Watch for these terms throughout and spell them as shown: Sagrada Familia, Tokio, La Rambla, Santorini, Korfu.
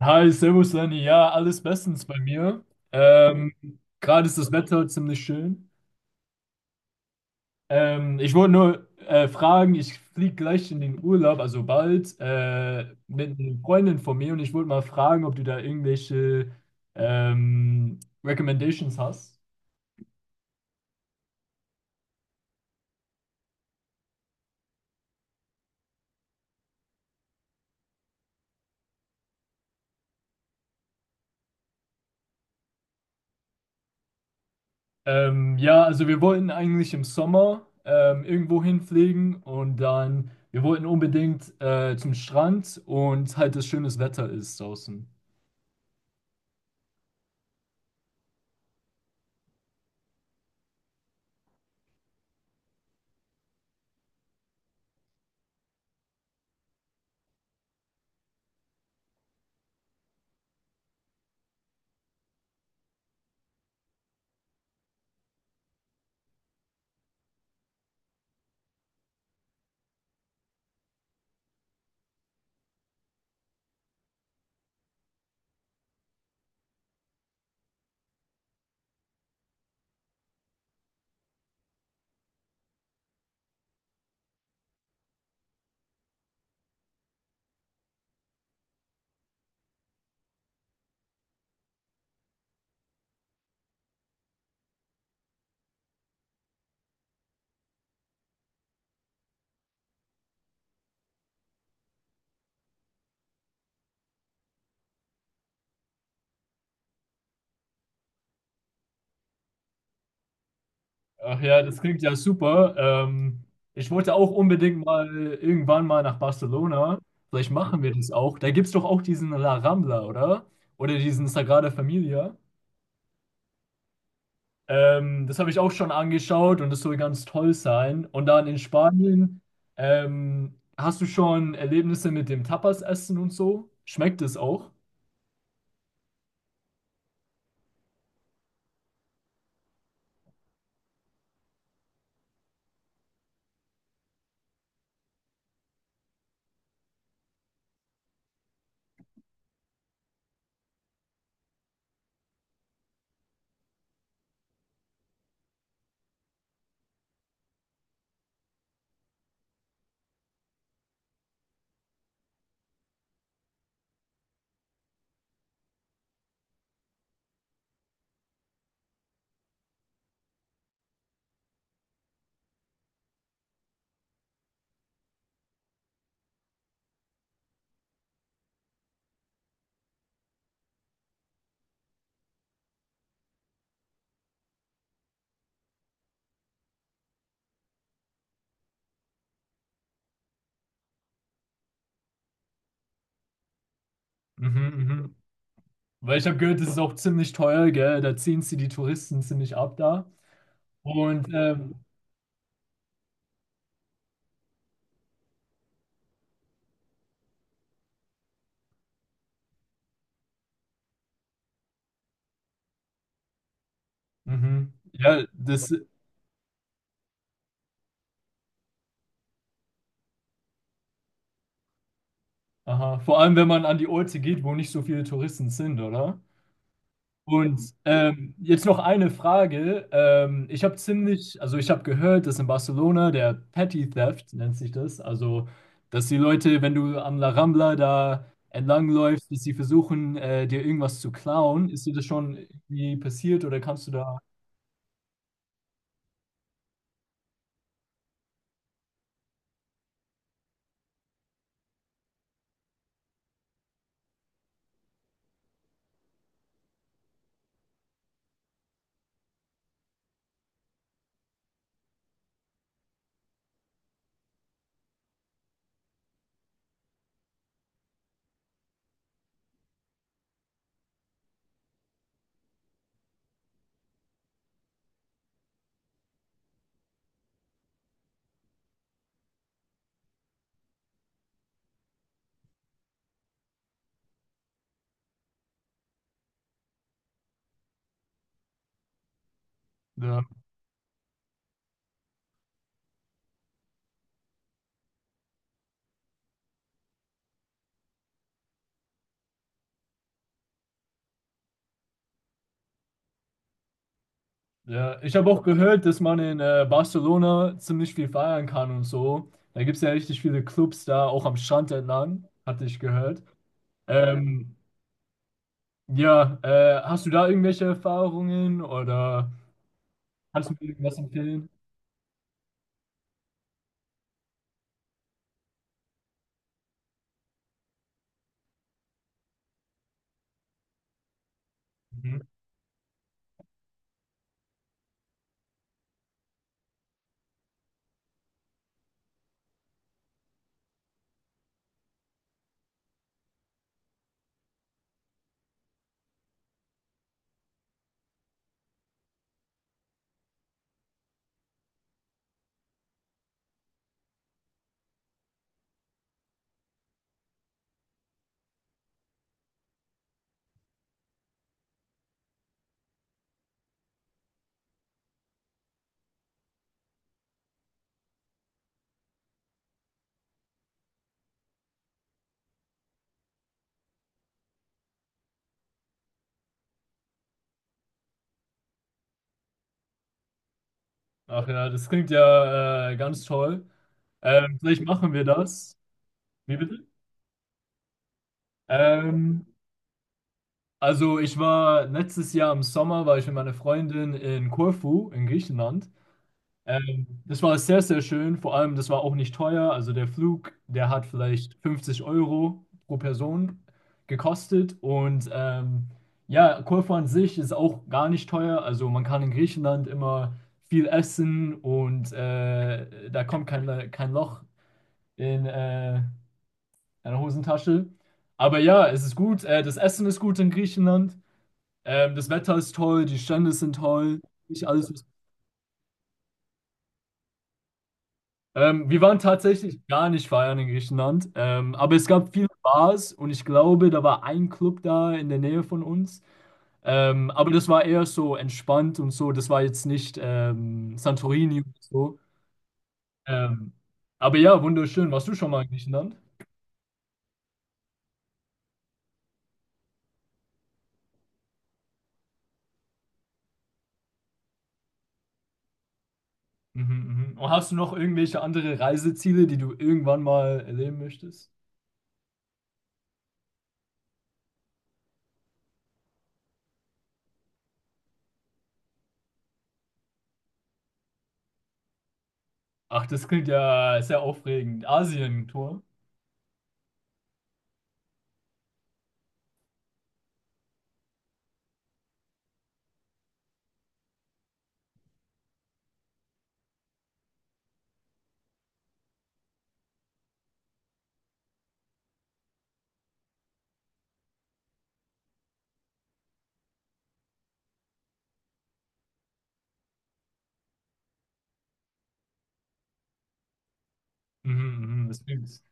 Hi, Servus Lenny. Ja, alles bestens bei mir. Ähm, Gerade ist das Wetter ziemlich schön. Ich wollte nur fragen, ich fliege gleich in den Urlaub, also bald, mit einer Freundin von mir, und ich wollte mal fragen, ob du da irgendwelche Recommendations hast. Ja, also wir wollten eigentlich im Sommer irgendwo hinfliegen, und dann, wir wollten unbedingt zum Strand, und halt das schönes Wetter ist draußen. Ach ja, das klingt ja super. Ähm, Ich wollte auch unbedingt mal irgendwann mal nach Barcelona. Vielleicht machen wir das auch. Da gibt es doch auch diesen La Rambla, oder? Oder diesen Sagrada Familia. Das habe ich auch schon angeschaut und das soll ganz toll sein. Und dann in Spanien, hast du schon Erlebnisse mit dem Tapas-Essen und so? Schmeckt es auch? Mhm, mhm. Weil ich habe gehört, das ist auch ziemlich teuer, gell? Da ziehen sie die Touristen ziemlich ab da. Und mhm. Ja, das Aha, vor allem, wenn man an die Orte geht, wo nicht so viele Touristen sind, oder? Und jetzt noch eine Frage. Ich habe ziemlich, also ich habe gehört, dass in Barcelona der Petty Theft nennt sich das, also dass die Leute, wenn du an La Rambla da entlangläufst, dass sie versuchen, dir irgendwas zu klauen. Ist dir das schon irgendwie passiert oder kannst du da, da Ja, ich habe auch gehört, dass man in Barcelona ziemlich viel feiern kann und so. Da gibt es ja richtig viele Clubs da, auch am Strand entlang, hatte ich gehört. Ähm, ja, hast du da irgendwelche Erfahrungen oder kannst du mir irgendwas empfehlen? Mhm. Ach ja, das klingt ja ganz toll. Vielleicht machen wir das. Wie bitte? Ähm, also ich war letztes Jahr im Sommer, war ich mit meiner Freundin in Korfu in Griechenland. Das war sehr, sehr schön. Vor allem, das war auch nicht teuer. Also der Flug, der hat vielleicht 50 € pro Person gekostet. Und ja, Korfu an sich ist auch gar nicht teuer. Also man kann in Griechenland immer viel essen, und da kommt kein Loch in eine Hosentasche. Aber ja, es ist gut. Das Essen ist gut in Griechenland. Das Wetter ist toll, die Strände sind toll. Nicht alles, was wir waren tatsächlich gar nicht feiern in Griechenland, aber es gab viele Bars und ich glaube, da war ein Club da in der Nähe von uns. Aber das war eher so entspannt und so, das war jetzt nicht Santorini und so. Ähm, aber ja, wunderschön. Warst du schon mal in Griechenland? Mhm, mhm. Und hast du noch irgendwelche andere Reiseziele, die du irgendwann mal erleben möchtest? Ach, das klingt ja sehr aufregend. Asien-Tour. Mhm, mhm, das klingt.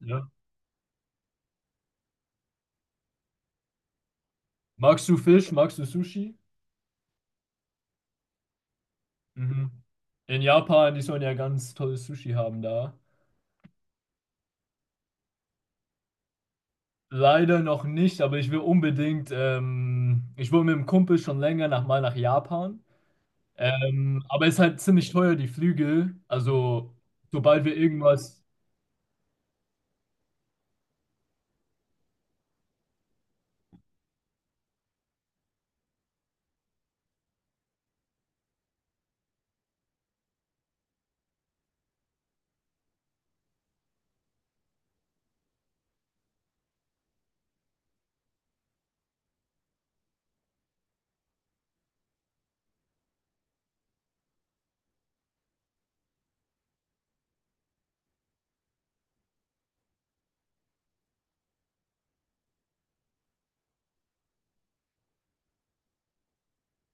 Ja. Magst du Fisch? Magst du Sushi? Mhm. In Japan, die sollen ja ganz tolles Sushi haben da. Leider noch nicht, aber ich will unbedingt, ich will mit dem Kumpel schon länger nach, mal nach Japan. Aber es ist halt ziemlich teuer, die Flüge. Also, sobald wir irgendwas,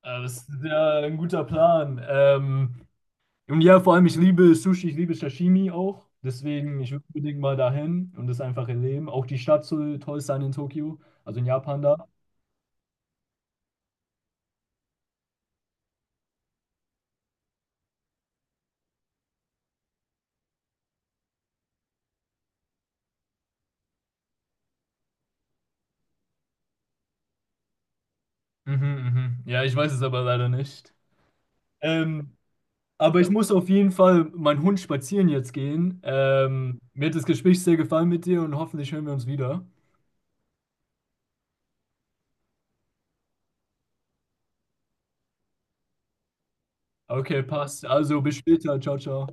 das ist ja ein guter Plan. Und ja, vor allem, ich liebe Sushi, ich liebe Sashimi auch. Deswegen, ich will unbedingt mal dahin und das einfach erleben. Auch die Stadt soll toll sein in Tokio, also in Japan da. Mhm, mhm. Ja, ich weiß es aber leider nicht. Ähm, aber ich muss auf jeden Fall meinen Hund spazieren jetzt gehen. Mir hat das Gespräch sehr gefallen mit dir und hoffentlich hören wir uns wieder. Okay, passt. Also bis später. Ciao, ciao.